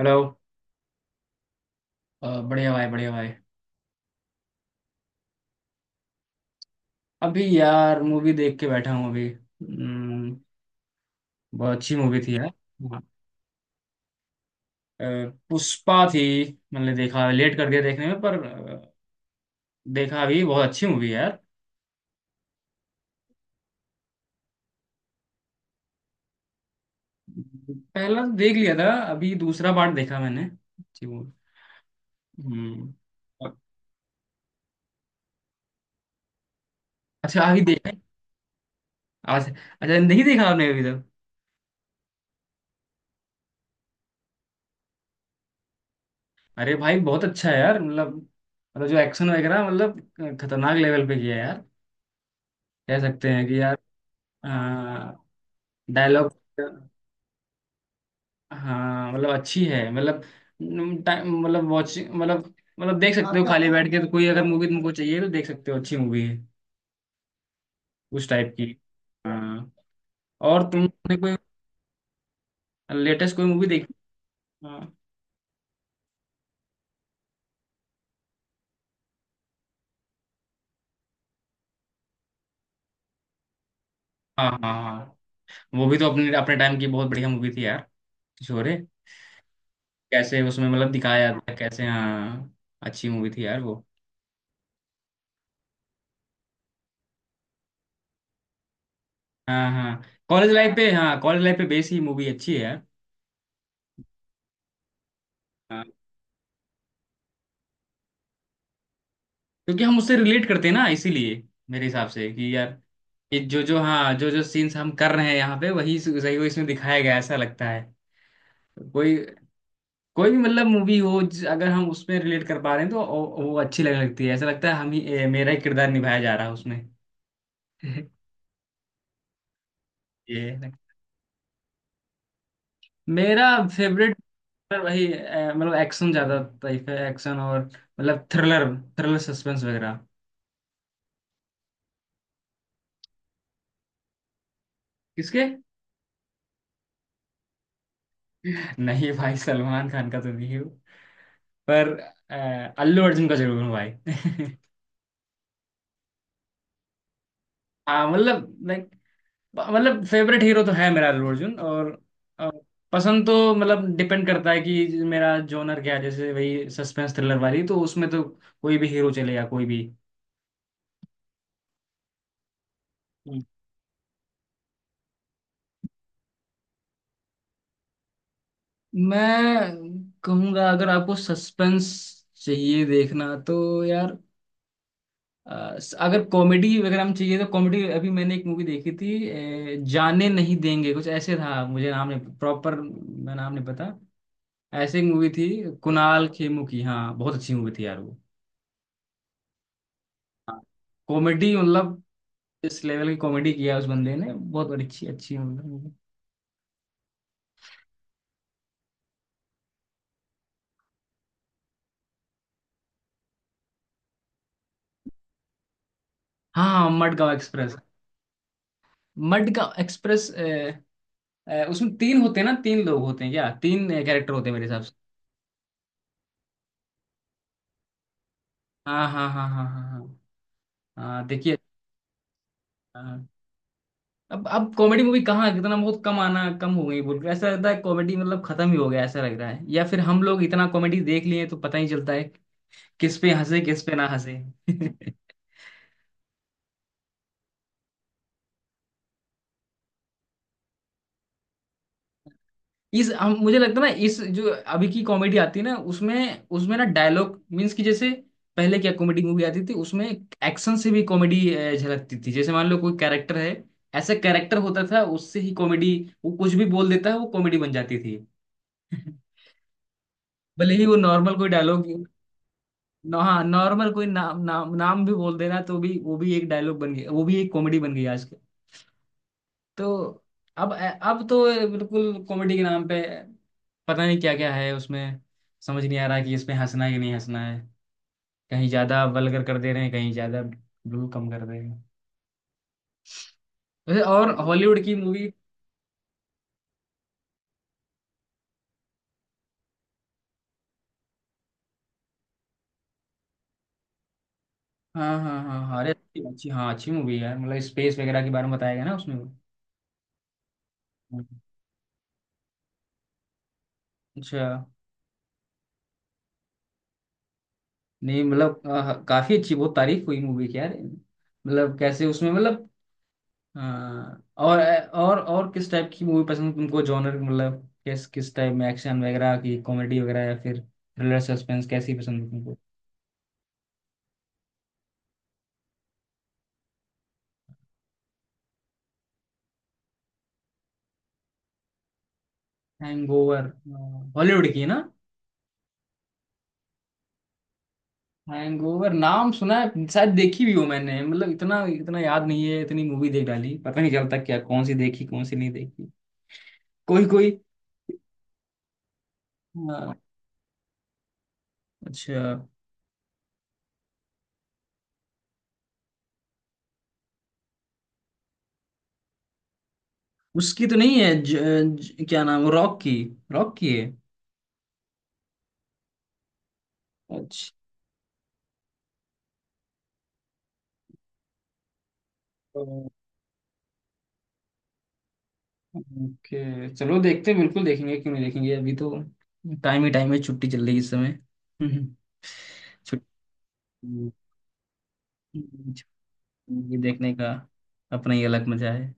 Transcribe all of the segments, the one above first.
Hello. बढ़िया भाई, बढ़िया भाई। अभी यार मूवी देख के बैठा हूँ अभी। बहुत अच्छी मूवी थी यार। हाँ। अ, पुष्पा थी। मैंने देखा, लेट कर दिया देखने में, पर देखा अभी। बहुत अच्छी मूवी है यार। पहला तो देख लिया था, अभी दूसरा पार्ट देखा मैंने। अच्छी मूवी। हम्म। अच्छा अभी देखा है? आज अच्छा नहीं देखा आपने अभी तक? अरे भाई बहुत अच्छा है यार। मतलब, जो एक्शन वगैरह मतलब खतरनाक लेवल पे किया है यार, कह सकते हैं कि। हाँ। डायलॉग। हाँ मतलब अच्छी है मतलब, टाइम, मतलब वॉचिंग, मतलब देख सकते हो। आपका खाली बैठ के तो, कोई अगर मूवी तुमको चाहिए तो देख सकते हो, अच्छी मूवी है उस टाइप की। हाँ। और तुमने कोई लेटेस्ट कोई मूवी देखी? हाँ, हाँ, हाँ, हाँ। वो भी तो अपने अपने टाइम की बहुत बढ़िया मूवी थी यार। छोरे। कैसे उसमें मतलब दिखाया था, कैसे। हाँ। अच्छी मूवी थी यार वो। हाँ, हाँ, कॉलेज लाइफ पे, हाँ कॉलेज लाइफ पे बेस ही मूवी अच्छी है यार। हाँ। क्योंकि हम उससे रिलेट करते हैं ना इसीलिए, मेरे हिसाब से कि यार, ये जो जो, हाँ, जो जो सीन्स हम कर रहे हैं यहाँ पे वही सही, वो इसमें दिखाया गया है, ऐसा लगता है। कोई, कोई भी मतलब मूवी हो, अगर हम उसमें रिलेट कर पा रहे हैं तो वो अच्छी लगने लगती है, ऐसा लगता है हम ही, मेरा ही किरदार निभाया जा रहा है उसमें। ये है। मेरा फेवरेट, वही मतलब एक्शन ज्यादा टाइप है, एक्शन और मतलब थ्रिलर, थ्रिलर सस्पेंस वगैरह। किसके? नहीं भाई, सलमान खान का तो नहीं है वो। पर अ, अल्लू अर्जुन का जरूर हूँ भाई। हाँ मतलब लाइक, मतलब फेवरेट हीरो तो है मेरा अल्लू अर्जुन, और अ, पसंद तो मतलब डिपेंड करता है कि मेरा जोनर क्या है। जैसे वही सस्पेंस थ्रिलर वाली तो उसमें तो कोई भी हीरो चलेगा, कोई भी। हम्म। मैं कहूंगा, अगर आपको सस्पेंस चाहिए देखना तो यार, अगर कॉमेडी वगैरह में चाहिए तो कॉमेडी, अभी मैंने एक मूवी देखी थी, जाने नहीं देंगे कुछ ऐसे था, मुझे नाम नहीं प्रॉपर, मैं नाम नहीं पता, ऐसी मूवी थी। कुणाल खेमू की, हाँ बहुत अच्छी मूवी थी यार वो। हाँ, कॉमेडी मतलब, इस लेवल की कॉमेडी किया उस बंदे ने, बहुत बड़ी अच्छी अच्छी मतलब मूवी। हाँ, हाँ, मडगांव एक्सप्रेस। मडगांव एक्सप्रेस, उसमें तीन होते हैं ना, तीन लोग होते हैं क्या, तीन कैरेक्टर होते हैं मेरे हिसाब से। हाँ, हाँ, हाँ, हाँ, हाँ, हाँ, हाँ, देखिए। हाँ। अब कॉमेडी मूवी कहाँ, कितना बहुत कम आना, कम हो गई, बोल के ऐसा लगता है कॉमेडी मतलब खत्म ही हो गया, ऐसा लग रहा है। या फिर हम लोग इतना कॉमेडी देख लिए तो पता ही चलता है किस पे हंसे, किस पे ना हंसे। इस हम, मुझे लगता है ना, इस जो अभी की कॉमेडी आती है ना उसमें उसमें ना डायलॉग मीन्स कि, जैसे पहले क्या कॉमेडी मूवी आती थी, उसमें एक्शन से भी कॉमेडी झलकती थी। जैसे मान लो कोई कैरेक्टर है, ऐसा कैरेक्टर होता था उससे ही कॉमेडी, वो कुछ भी बोल देता है वो कॉमेडी बन जाती थी। भले ही वो नॉर्मल कोई डायलॉग। हाँ, नॉर्मल कोई नाम, नाम, नाम भी बोल देना तो भी वो भी एक डायलॉग बन गया, वो भी एक कॉमेडी बन गई आज तो। अब तो बिल्कुल कॉमेडी के नाम पे पता नहीं क्या क्या है उसमें, समझ नहीं आ रहा कि इसमें हंसना है कि नहीं हंसना है। कहीं ज्यादा वल्गर कर दे रहे हैं, कहीं ज्यादा ब्लू कम कर दे रहे हैं। वैसे, और हॉलीवुड की मूवी? हाँ, हाँ, हाँ, हाँ, अरे अच्छी, अच्छी, हाँ अच्छी मूवी है यार, मतलब स्पेस वगैरह के बारे में बताया गया ना उसमें, वो। अच्छा। नहीं मतलब काफी अच्छी, बहुत तारीफ हुई मूवी की यार, मतलब कैसे उसमें मतलब। हाँ, और किस टाइप की मूवी पसंद तुमको, जॉनर मतलब? किस किस टाइप में, एक्शन वगैरह की, कॉमेडी वगैरह, या फिर थ्रिलर सस्पेंस, कैसी पसंद है तुमको? हैंगओवर? हॉलीवुड की है ना? हैंगओवर नाम सुना है, शायद देखी भी हो मैंने, मतलब इतना इतना याद नहीं है, इतनी मूवी देख डाली पता नहीं चलता क्या, कौन सी देखी कौन सी नहीं देखी, कोई कोई। हाँ। अच्छा, उसकी तो नहीं है, ज, ज, क्या नाम, रॉक की? रॉक की है? अच्छा। ओके चलो देखते हैं, बिल्कुल देखेंगे, क्यों नहीं देखेंगे, अभी तो टाइम ही टाइम है, छुट्टी चल रही है इस समय। हम्म, छुट्टी, छुट्टी। देखने का अपना ही अलग मजा है।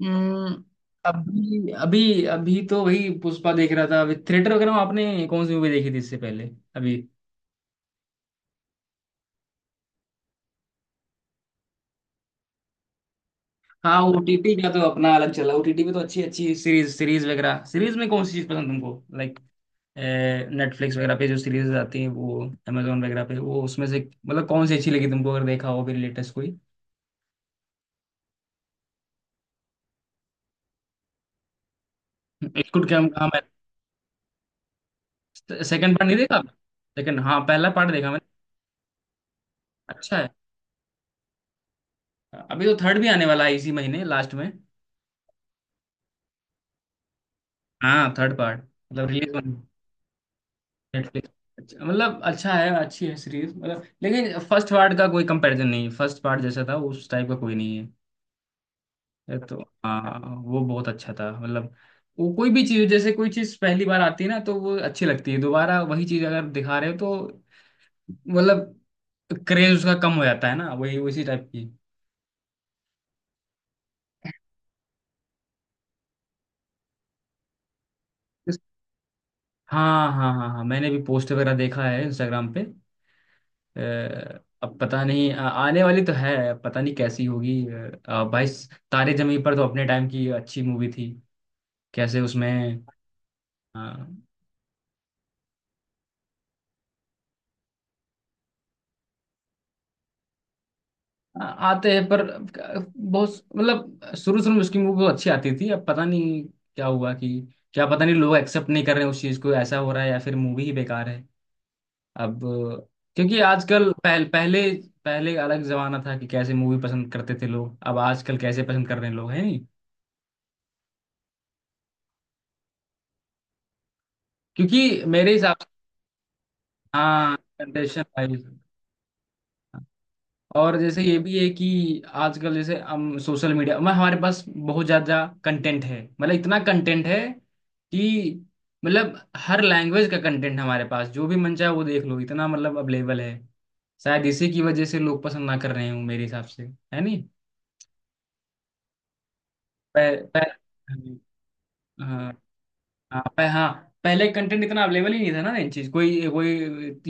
हम्म, अभी अभी अभी तो वही पुष्पा देख रहा था। अभी थिएटर वगैरह में आपने कौन सी मूवी देखी थी इससे पहले, अभी? हाँ, ओटीटी का तो अपना अलग चला। ओटीटी पे तो अच्छी अच्छी सीरीज, सीरीज वगैरह। सीरीज में कौन सी चीज पसंद तुमको? लाइक नेटफ्लिक्स वगैरह पे जो सीरीज आती है वो, अमेजोन वगैरह पे वो, उसमें से मतलब कौन सी अच्छी लगी तुमको, अगर देखा हो फिर, लेटेस्ट कोई। It could come. हाँ, मैं सेकंड पार्ट नहीं देखा। लेकिन हाँ, पहला पार्ट देखा मैंने। अच्छा है। अभी तो थर्ड भी आने वाला है इसी महीने लास्ट में। हाँ, थर्ड पार्ट। मतलब रिलीज। नेटफ्लिक्स। अच्छा, मतलब अच्छा है, अच्छी है सीरीज मतलब, लेकिन फर्स्ट पार्ट का कोई कंपैरिजन नहीं है। फर्स्ट पार्ट जैसा था उस टाइप का कोई नहीं है। ये तो हाँ, वो बहुत अच्छा था मतलब। वो कोई भी चीज, जैसे कोई चीज पहली बार आती है ना तो वो अच्छी लगती है, दोबारा वही चीज अगर दिखा रहे हो तो मतलब क्रेज उसका कम हो जाता है ना, वही उसी टाइप की। हाँ, हाँ, हाँ, हाँ, मैंने भी पोस्ट वगैरह देखा है इंस्टाग्राम पे। अ, अब पता नहीं, आने वाली तो है, पता नहीं कैसी होगी, भाई। तारे जमीन पर तो अपने टाइम की अच्छी मूवी थी, कैसे उसमें। हाँ। आते हैं पर, बहुत मतलब शुरू शुरू में उसकी मूवी बहुत अच्छी आती थी। अब पता नहीं क्या हुआ कि, क्या पता नहीं लोग एक्सेप्ट नहीं कर रहे हैं उस चीज को, ऐसा हो रहा है, या फिर मूवी ही बेकार है अब। क्योंकि आजकल पहल, पहले पहले अलग जमाना था कि कैसे मूवी पसंद करते थे लोग, अब आजकल कैसे पसंद कर रहे हैं लोग, है नहीं? क्योंकि मेरे हिसाब से, हाँ जनरेशन वाइज। और जैसे ये भी है कि आजकल जैसे हम सोशल मीडिया में, हमारे पास बहुत ज़्यादा कंटेंट है, मतलब इतना कंटेंट है कि मतलब हर लैंग्वेज का कंटेंट हमारे पास, जो भी मन चाहे वो देख लो, इतना मतलब अवेलेबल है। शायद इसी की वजह से लोग पसंद ना कर रहे हों, मेरे हिसाब से, है नहीं? पह, पह, हाँ, हाँ, हाँ, पहले कंटेंट इतना अवेलेबल ही नहीं था ना, इन चीज़ कोई, कोई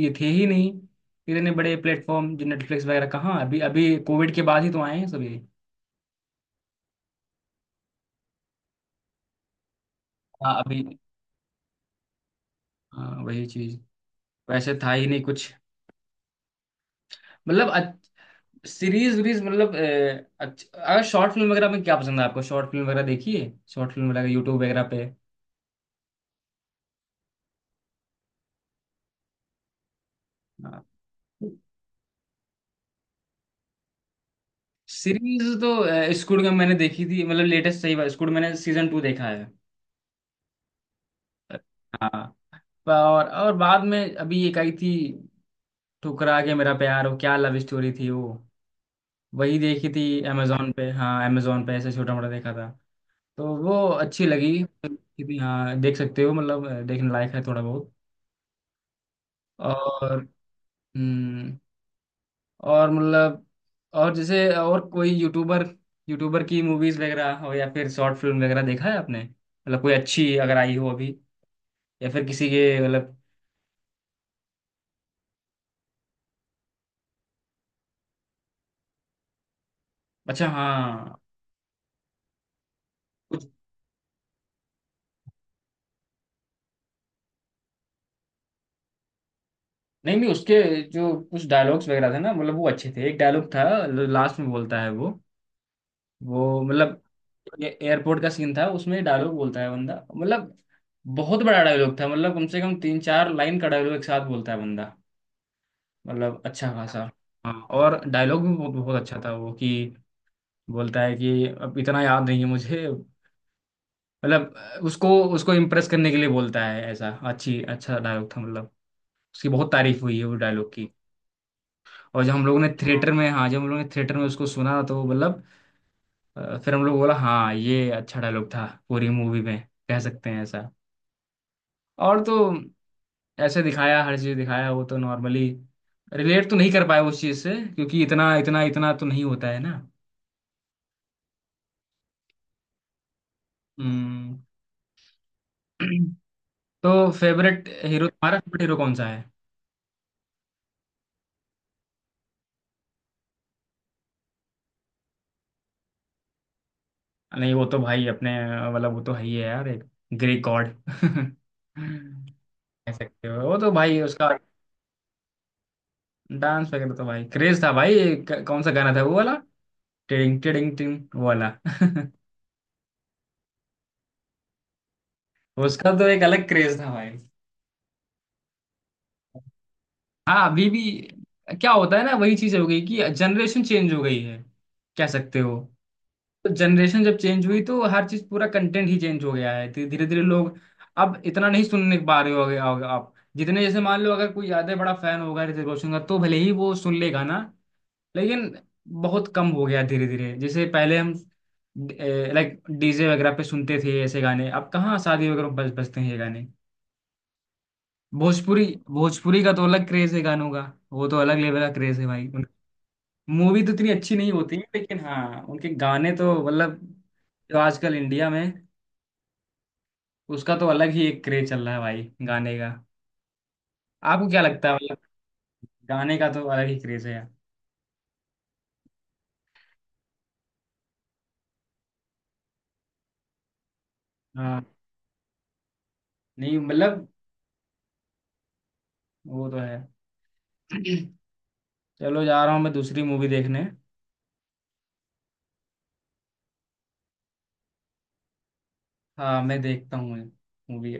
ये थे ही नहीं। इतने बड़े प्लेटफॉर्म जो नेटफ्लिक्स वगैरह, कहाँ अभी अभी कोविड के बाद ही तो आए हैं सभी। हाँ अभी, हाँ वही चीज, वैसे था ही नहीं कुछ, मतलब सीरीज वीरीज मतलब, अगर शॉर्ट फिल्म वगैरह में क्या पसंद है आपको? शॉर्ट फिल्म वगैरह देखी है, शॉर्ट फिल्म वगैरह यूट्यूब वगैरह पे? हाँ। सीरीज तो स्कूल में मैंने देखी थी, मतलब लेटेस्ट सही बात, स्कूल मैंने सीजन 2 देखा है। हाँ। और बाद में अभी एक आई थी, ठुकरा के मेरा प्यार, वो क्या लव स्टोरी थी वो, वही देखी थी। अमेजोन पे, हाँ अमेजोन पे ऐसे छोटा मोटा देखा था। तो वो अच्छी लगी कि, भी हाँ देख सकते हो मतलब, देखने लायक है थोड़ा बहुत। और, हम्म, और मतलब, और जैसे और कोई यूट्यूबर, यूट्यूबर की मूवीज वगैरह हो, या फिर शॉर्ट फिल्म वगैरह देखा है आपने, मतलब कोई अच्छी अगर आई हो अभी, या फिर किसी के मतलब। अच्छा। हाँ कुछ। नहीं, नहीं, उसके जो कुछ डायलॉग्स वगैरह थे ना, मतलब वो अच्छे थे। एक डायलॉग था, लास्ट में बोलता है वो मतलब। ये एयरपोर्ट का सीन था, उसमें डायलॉग बोलता है बंदा मतलब। बहुत बड़ा डायलॉग था मतलब, कम से कम तीन चार लाइन का डायलॉग एक साथ बोलता है बंदा, मतलब अच्छा खासा। हाँ। और डायलॉग भी बहुत बहुत अच्छा था वो, कि बोलता है कि, अब इतना याद नहीं है मुझे मतलब, उसको उसको इम्प्रेस करने के लिए बोलता है ऐसा, अच्छी अच्छा डायलॉग था मतलब। उसकी बहुत तारीफ हुई है वो डायलॉग की। और जब हम लोगों ने थिएटर में, हाँ जब हम लोगों ने थिएटर में उसको सुना तो मतलब, फिर हम लोग बोला हाँ, ये अच्छा डायलॉग था पूरी मूवी में, कह सकते हैं ऐसा। और तो ऐसे दिखाया हर चीज दिखाया वो तो नॉर्मली। रिलेट तो नहीं कर पाए उस चीज से, क्योंकि इतना इतना इतना तो नहीं होता है ना। हम्म। तो फेवरेट हीरो तुम्हारा फेवरेट हीरो कौन सा है? नहीं वो तो भाई अपने मतलब, वो तो है ही है यार, एक ग्रीक गॉड। कह सकते हो, वो तो भाई उसका। डांस वगैरह तो भाई क्रेज था भाई। कौन सा गाना था वो वाला, टिडिंग टिडिंग टिंग वो वाला। उसका तो एक अलग क्रेज था भाई। हाँ अभी भी। क्या होता है ना, वही चीज हो गई कि जनरेशन चेंज हो गई है, कह सकते हो। तो जनरेशन जब चेंज हुई तो हर चीज, पूरा कंटेंट ही चेंज हो गया है धीरे धीरे धीरे लोग। अब इतना नहीं सुनने पा रहे होगे होगे आप। जितने, जैसे मान लो अगर कोई ज्यादा बड़ा फैन होगा ऋतिक रोशन का तो भले ही वो सुन लेगा ना, लेकिन बहुत कम हो गया धीरे धीरे। जैसे पहले हम लाइक डीजे वगैरह पे सुनते थे ऐसे गाने, अब कहाँ शादी वगैरह में बज बजते हैं ये गाने? भोजपुरी, भोजपुरी का तो अलग क्रेज है गानों का। वो तो अलग लेवल का क्रेज है भाई। मूवी तो इतनी अच्छी नहीं होती है, लेकिन हाँ उनके गाने तो मतलब, जो आजकल इंडिया में, उसका तो अलग ही एक क्रेज चल रहा है भाई गाने का। आपको क्या लगता है मतलब? गाने का तो अलग ही क्रेज है यार। हाँ, नहीं मतलब, वो तो है। चलो जा रहा हूँ मैं दूसरी मूवी देखने। हाँ मैं देखता हूँ मूवी।